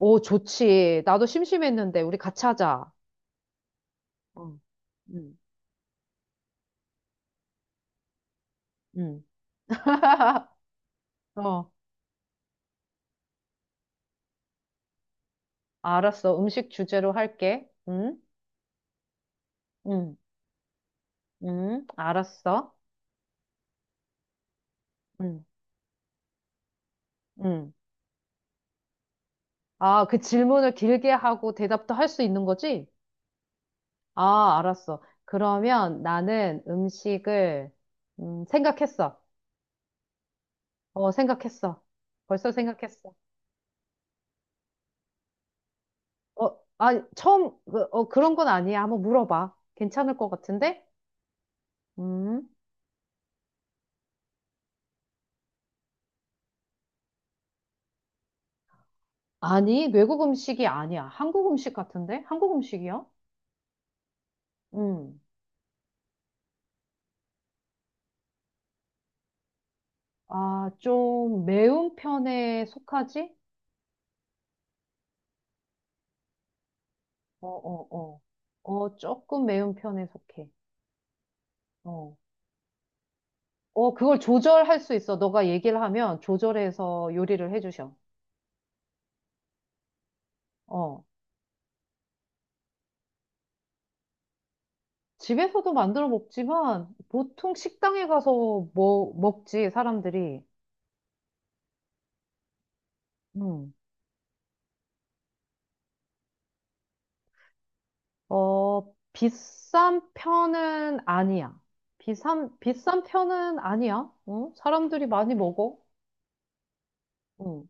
오, 좋지. 나도 심심했는데, 우리 같이 하자. 어, 응, 응. 어, 알았어. 음식 주제로 할게. 응? 응, 응, 알았어. 응, 응. 아, 그 질문을 길게 하고 대답도 할 수 있는 거지? 아, 알았어. 그러면 나는 음식을, 생각했어. 어, 생각했어. 벌써 생각했어. 어, 아, 처음, 그, 어, 그런 건 아니야. 한번 물어봐. 괜찮을 것 같은데? 음. 아니, 외국 음식이 아니야. 한국 음식 같은데? 한국 음식이야? 음. 아, 좀 매운 편에 속하지? 어, 어, 어. 어, 조금 매운 편에 속해. 어. 어, 그걸 조절할 수 있어. 너가 얘기를 하면 조절해서 요리를 해주셔. 어. 집에서도 만들어 먹지만 보통 식당에 가서 뭐 먹지, 사람들이. 어, 비싼 편은 아니야. 비싼 편은 아니야. 어? 사람들이 많이 먹어. 응.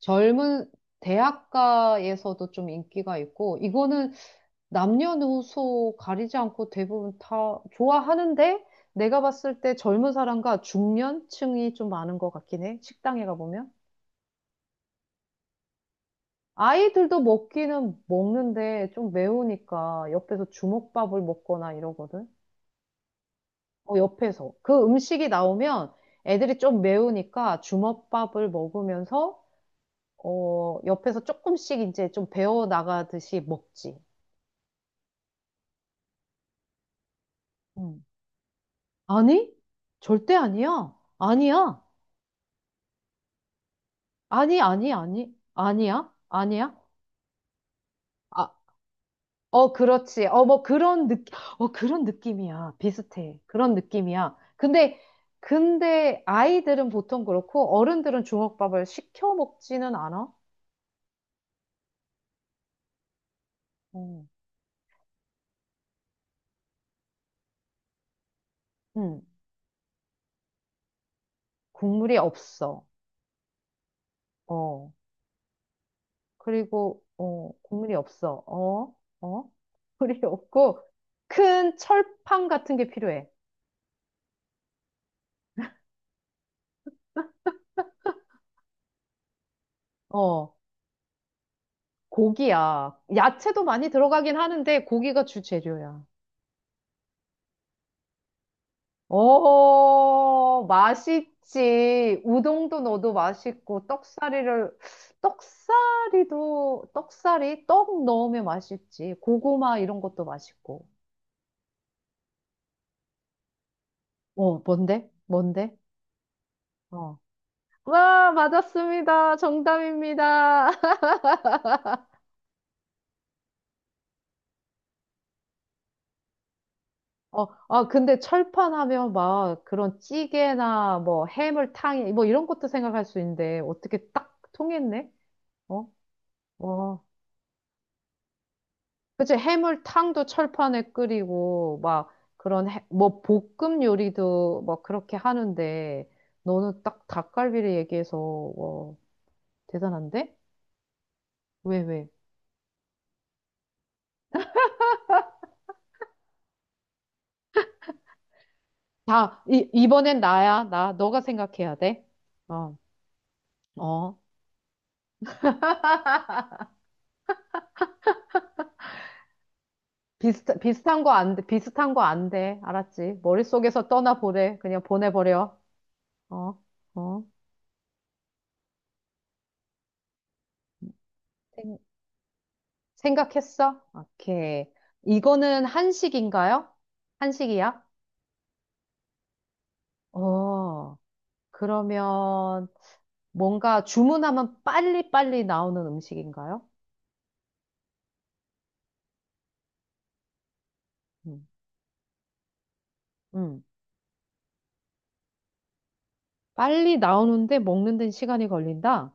젊은 대학가에서도 좀 인기가 있고, 이거는 남녀노소 가리지 않고 대부분 다 좋아하는데, 내가 봤을 때 젊은 사람과 중년층이 좀 많은 것 같긴 해. 식당에 가보면. 아이들도 먹기는 먹는데 좀 매우니까 옆에서 주먹밥을 먹거나 이러거든. 어, 옆에서. 그 음식이 나오면 애들이 좀 매우니까 주먹밥을 먹으면서, 어, 옆에서 조금씩 이제 좀 배워 나가듯이 먹지. 음. 아니? 절대 아니야. 아니야. 아니, 아니, 아니. 아니야. 아니야. 아, 어, 그렇지. 어, 뭐 그런 느낌, 어, 그런 느낌이야. 비슷해. 그런 느낌이야. 근데, 근데 아이들은 보통 그렇고 어른들은 주먹밥을 시켜 먹지는 않아. 음. 음. 국물이 없어. 어, 그리고, 어, 국물이 없어. 어, 어, 국물이 없고, 큰 철판 같은 게 필요해. 어, 고기야. 야채도 많이 들어가긴 하는데, 고기가 주 재료야. 어, 맛있지. 우동도 넣어도 맛있고, 떡사리를, 떡사리도, 떡사리? 떡 넣으면 맛있지. 고구마 이런 것도 맛있고. 어, 뭔데? 뭔데? 어. 와, 맞았습니다. 정답입니다. 어, 아, 근데 철판 하면 막 그런 찌개나 뭐 해물탕이 뭐 이런 것도 생각할 수 있는데 어떻게 딱 통했네? 어? 와. 그치, 해물탕도 철판에 끓이고 막 그런 해, 뭐 볶음 요리도 막 그렇게 하는데 너는 딱 닭갈비를 얘기해서 와, 대단한데? 왜, 왜? 다, 이번엔 나야, 나. 너가 생각해야 돼. 어, 어. 비슷한 거 안 돼. 비슷한 거 안 돼. 알았지? 머릿속에서 떠나보래. 그냥 보내버려. 어, 어. 생, 생각했어? 오케이. 이거는 한식인가요? 한식이야? 어, 그러면 뭔가 주문하면 빨리빨리 나오는 음식인가요? 음, 음. 빨리 나오는데 먹는 데는 시간이 걸린다?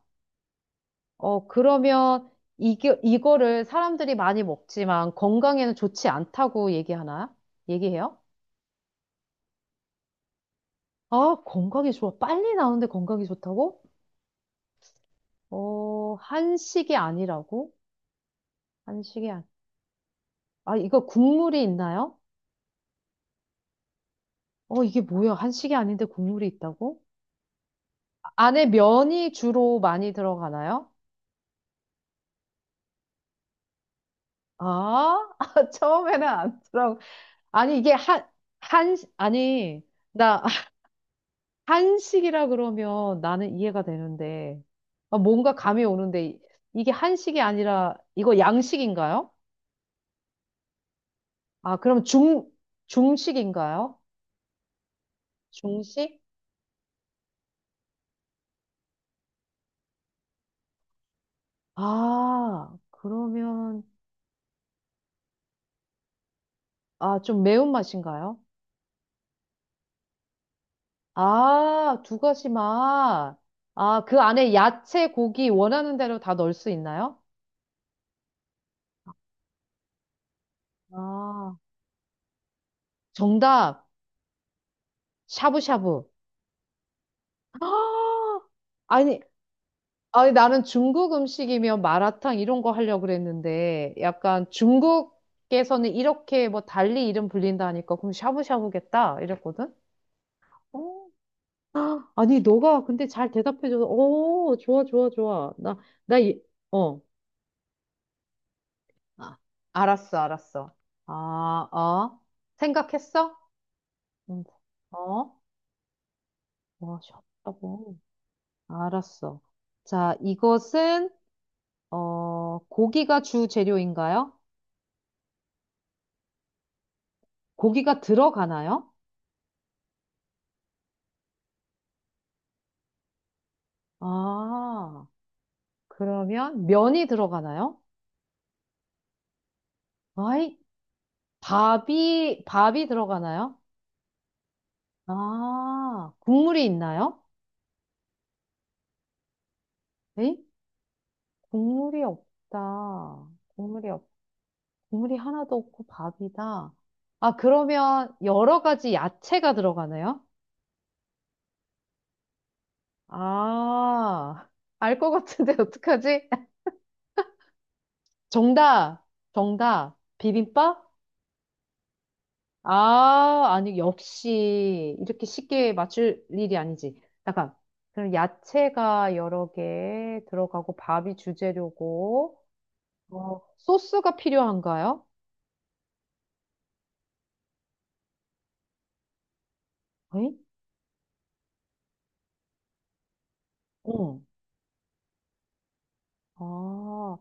어, 그러면 이게, 이거를 사람들이 많이 먹지만 건강에는 좋지 않다고 얘기하나요? 얘기해요? 아, 건강에 좋아. 빨리 나오는데 건강에 좋다고? 어, 한식이 아니라고? 한식이 아니. 아, 이거 국물이 있나요? 어, 이게 뭐야? 한식이 아닌데 국물이 있다고? 안에 면이 주로 많이 들어가나요? 아, 처음에는 안 들어가. 아니, 이게 한, 한, 아니, 나 한식이라 그러면 나는 이해가 되는데, 아, 뭔가 감이 오는데, 이게 한식이 아니라, 이거 양식인가요? 아, 그럼 중, 중식인가요? 중식? 아, 그러면, 아, 좀 매운맛인가요? 아, 두 가지 맛. 아, 그 안에 야채, 고기 원하는 대로 다 넣을 수 있나요? 아, 정답. 샤브샤브. 아, 아니, 아니, 나는 중국 음식이면 마라탕 이런 거 하려고 그랬는데, 약간 중국에서는 이렇게 뭐 달리 이름 불린다니까, 그럼 샤브샤브겠다? 이랬거든? 어, 아니, 너가 근데 잘 대답해줘서, 오, 좋아, 좋아, 좋아. 나, 이- 어, 아, 알았어, 알았어. 아, 어. 생각했어? 응 어? 와, 쉽다고. 알았어. 자, 이것은, 어, 고기가 주 재료인가요? 고기가 들어가나요? 아, 그러면 면이 들어가나요? 아이, 밥이 들어가나요? 아, 국물이 있나요? 에이? 국물이 없다. 국물이 없, 국물이 하나도 없고 밥이다. 아, 그러면 여러 가지 야채가 들어가나요? 아, 알 것 같은데 어떡하지? 정답, 정답. 비빔밥? 아, 아니, 역시 이렇게 쉽게 맞출 일이 아니지. 잠깐. 그럼 야채가 여러 개 들어가고 밥이 주재료고 어, 소스가 필요한가요? 에이? 응. 아,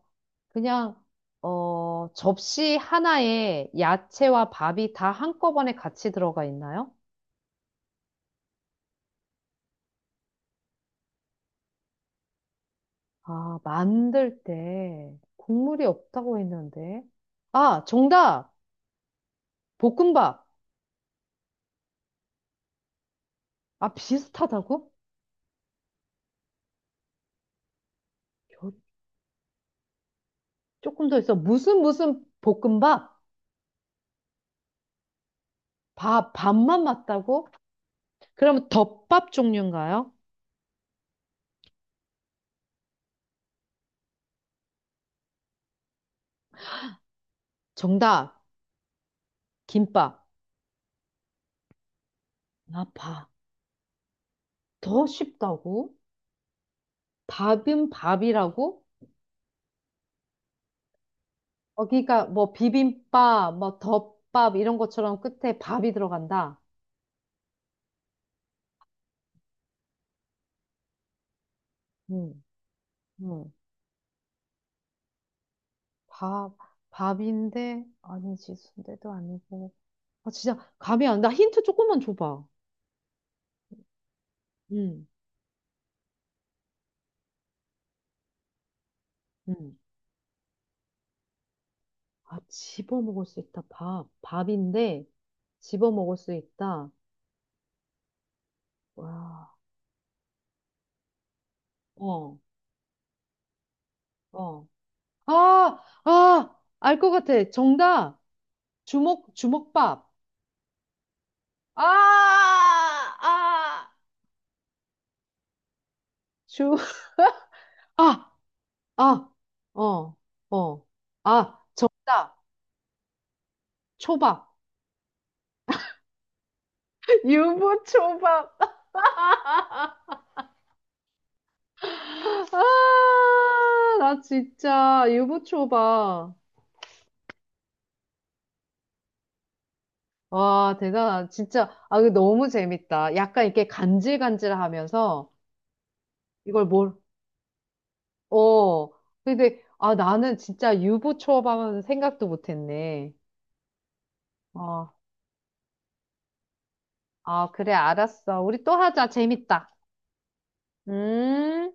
그냥, 어, 접시 하나에 야채와 밥이 다 한꺼번에 같이 들어가 있나요? 아, 만들 때 국물이 없다고 했는데. 아, 정답! 볶음밥! 아, 비슷하다고? 겨- 조금 더 있어. 무슨 무슨 볶음밥? 밥, 밥만 맞다고? 그러면 덮밥 종류인가요? 정답! 김밥. 아, 밥. 더 쉽다고? 밥은 밥이라고? 어, 그러니까 뭐 비빔밥, 뭐 덮밥 이런 것처럼 끝에 밥이 들어간다. 음, 음. 밥, 밥인데 아니지 순대도 아니고. 아 진짜 감이 안 나. 힌트 조금만 줘봐. 음, 음. 아 집어 먹을 수 있다. 밥, 밥인데 집어 먹을 수 있다. 와, 어, 어. 아, 아, 알 것 같아. 정답. 주먹밥. 아, 아, 주, 아, 아, 어, 어. 아, 정답. 초밥. 유부초밥. 아, 나 진짜 유부초밥. 와, 대단하다. 진짜. 아, 이거 너무 재밌다. 약간 이렇게 간질간질하면서 이걸 뭘, 어. 근데, 아, 나는 진짜 유부초밥은 생각도 못했네. 어. 아, 그래, 알았어. 우리 또 하자. 재밌다. 음.